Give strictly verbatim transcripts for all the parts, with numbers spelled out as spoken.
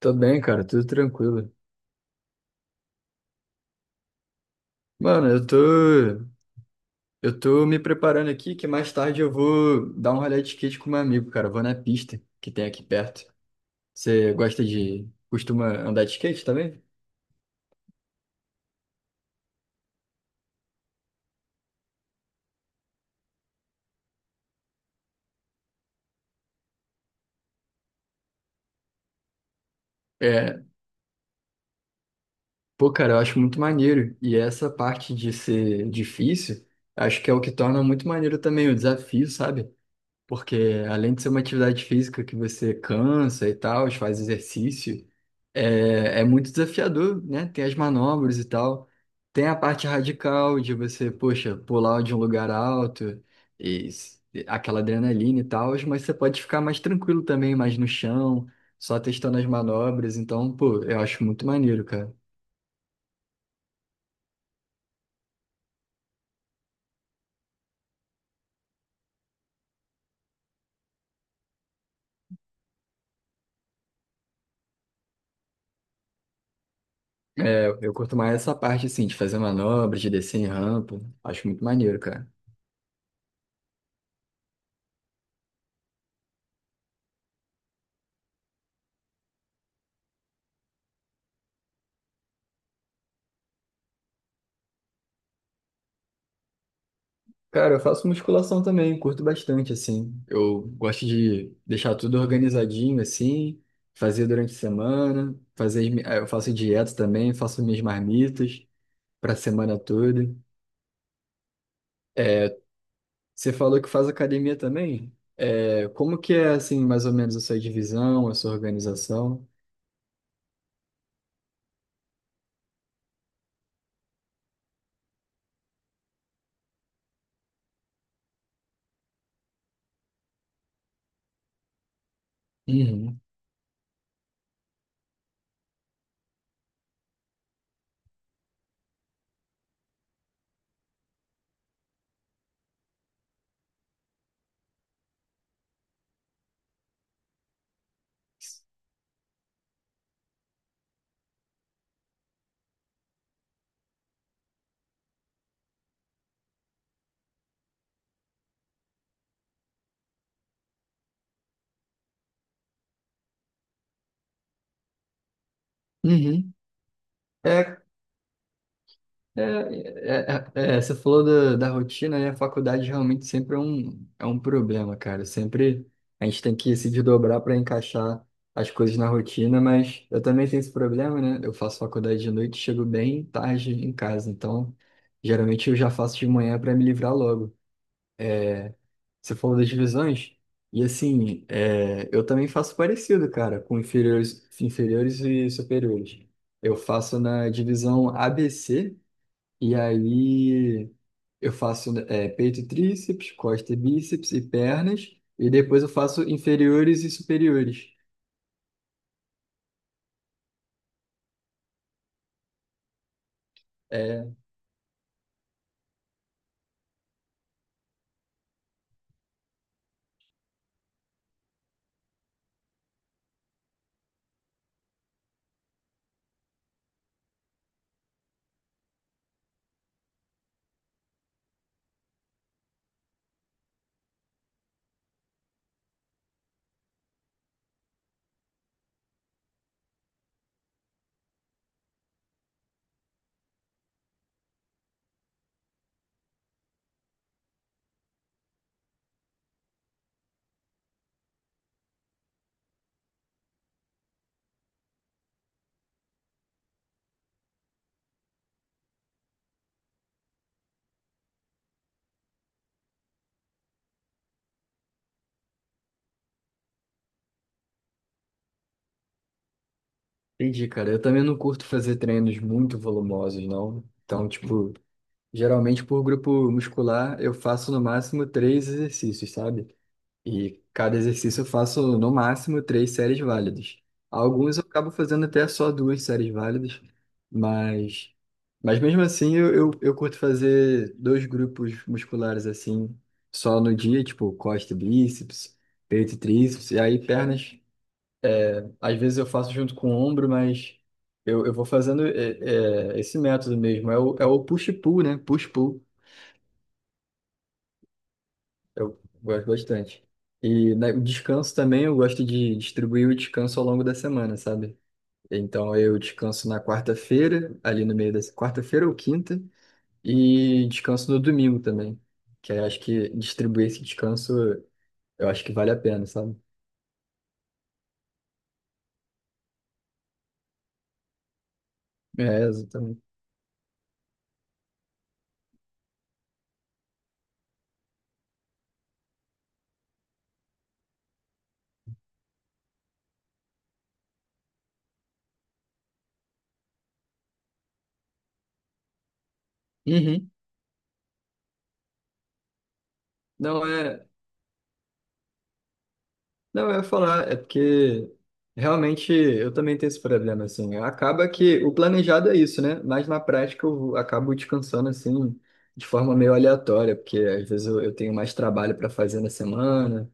Tô bem, cara, tudo tranquilo. Mano, eu tô, eu tô me preparando aqui que mais tarde eu vou dar um rolê de skate com meu amigo, cara. Eu Vou na pista que tem aqui perto. Você gosta de, costuma andar de skate também? É, pô, cara, eu acho muito maneiro. E essa parte de ser difícil, acho que é o que torna muito maneiro também o desafio, sabe? Porque além de ser uma atividade física que você cansa e tal, faz exercício, é, é muito desafiador, né? Tem as manobras e tal. Tem a parte radical de você, poxa, pular de um lugar alto e s- e aquela adrenalina e tal, mas você pode ficar mais tranquilo também, mais no chão, só testando as manobras. Então, pô, eu acho muito maneiro, cara. É, eu curto mais essa parte, assim, de fazer manobras, de descer em rampa. Acho muito maneiro, cara. Cara, eu faço musculação também, curto bastante, assim. Eu gosto de deixar tudo organizadinho, assim, fazer durante a semana, fazer, as mi- eh, eu faço dieta também, faço minhas marmitas para a semana toda. É, Você falou que faz academia também? É, como que é, assim, mais ou menos a sua divisão, a sua organização? Uhum. Uhum. É, É, é, é, é, você falou da, da rotina, né? A faculdade realmente sempre é um, é um problema, cara. Sempre a gente tem que se desdobrar para encaixar as coisas na rotina, mas eu também tenho esse problema, né? Eu faço faculdade de noite, chego bem tarde em casa, então geralmente eu já faço de manhã para me livrar logo. Você falou das divisões, e assim, é, eu também faço parecido, cara, com inferiores, inferiores e superiores. Eu faço na divisão A B C. E aí eu faço é, peito e tríceps, costa e bíceps e pernas. E depois eu faço inferiores e superiores. É, entendi, cara. Eu também não curto fazer treinos muito volumosos, não. Então, tipo, geralmente por grupo muscular eu faço no máximo três exercícios, sabe? E cada exercício eu faço no máximo três séries válidas. Alguns eu acabo fazendo até só duas séries válidas, mas, mas mesmo assim eu, eu, eu curto fazer dois grupos musculares assim, só no dia, tipo costa e bíceps, peito e tríceps, e aí pernas, às vezes eu faço junto com o ombro, mas eu, eu vou fazendo é, é, esse método mesmo, é o, é o push-pull, né? Push-pull. Eu gosto bastante. E né, o descanso também, eu gosto de distribuir o descanso ao longo da semana, sabe? Então eu descanso na quarta-feira, ali no meio da quarta-feira ou quinta, e descanso no domingo também. Que aí eu acho que distribuir esse descanso, eu acho que vale a pena, sabe? É, exatamente. Uhum. Não, é, Não, eu ia falar, é porque realmente eu também tenho esse problema, assim. Acaba que o planejado é isso, né? Mas na prática eu acabo descansando, assim, de forma meio aleatória, porque às vezes eu, eu tenho mais trabalho para fazer na semana,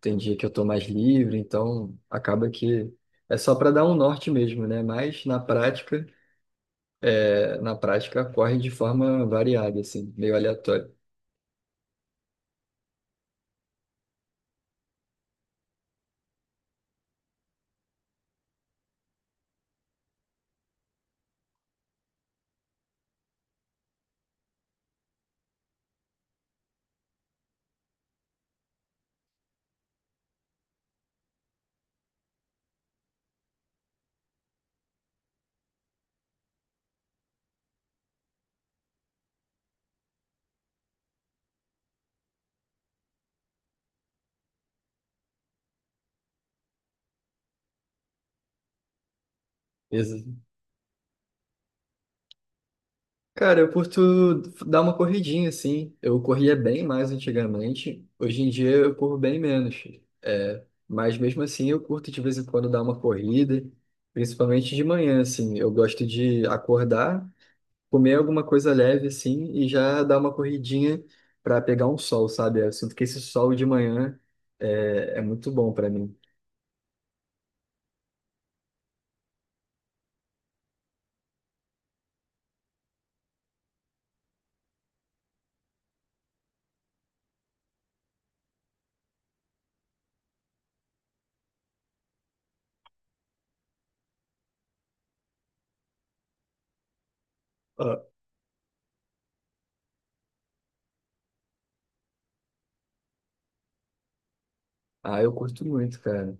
tem dia que eu tô mais livre, então acaba que é só para dar um norte mesmo, né? Mas na prática, é, na prática corre de forma variada, assim, meio aleatória. Cara, eu curto dar uma corridinha, assim. Eu corria bem mais antigamente. Hoje em dia eu corro bem menos. É, mas mesmo assim eu curto de vez em quando dar uma corrida, principalmente de manhã, assim. Eu gosto de acordar, comer alguma coisa leve, assim, e já dar uma corridinha para pegar um sol, sabe? Eu sinto que esse sol de manhã é, é muito bom para mim. Ah, Ah, eu curto muito, cara.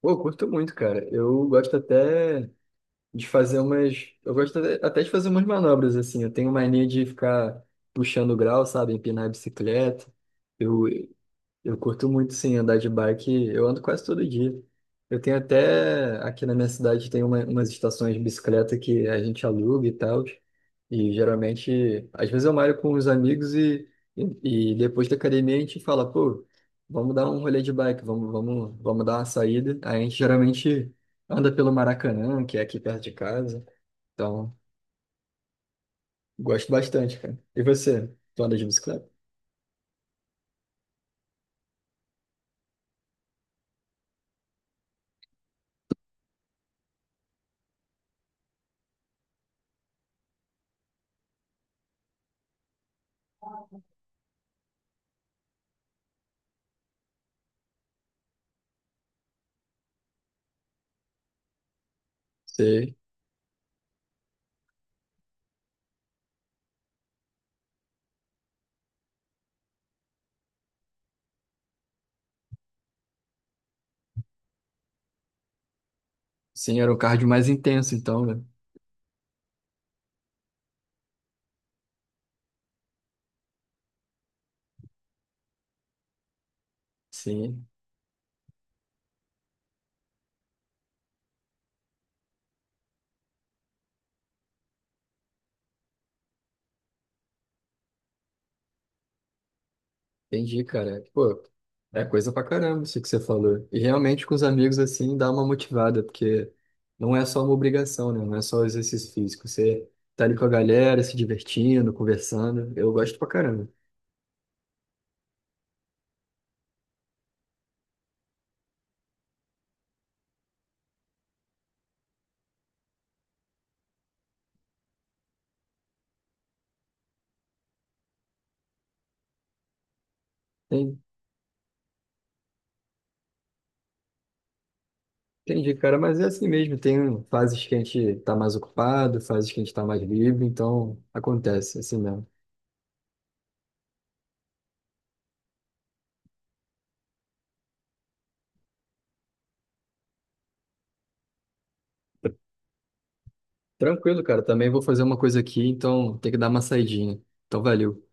Pô, eu curto muito, cara. Eu gosto até. De fazer umas. Eu gosto até até de fazer umas manobras, assim. Eu tenho mania de ficar puxando o grau, sabe? Empinar a bicicleta. Eu, eu curto muito, sim, andar de bike. Eu ando quase todo dia. Eu tenho até, aqui na minha cidade, tem uma- umas estações de bicicleta que a gente aluga e tal. E geralmente, às vezes eu malho com os amigos e, e, e depois da academia a gente fala, pô, vamos dar um rolê de bike, vamos, vamos, vamos dar uma saída. Aí a gente geralmente anda pelo Maracanã, que é aqui perto de casa. Então, gosto bastante, cara. E você? Tu anda de bicicleta? Sei. Sim, era um cardio mais intenso, então, né? Sim. Entendi, cara. Pô, é coisa pra caramba isso que você falou. E realmente com os amigos assim dá uma motivada, porque não é só uma obrigação, né? Não é só exercício físico. Você tá ali com a galera, se divertindo, conversando. Eu gosto pra caramba. Tem- Entendi, cara, mas é assim mesmo. Tem fases que a gente tá mais ocupado, fases que a gente tá mais livre, então acontece, é assim mesmo. Tranquilo, cara. Também vou fazer uma coisa aqui, então tem que dar uma saidinha. Então valeu.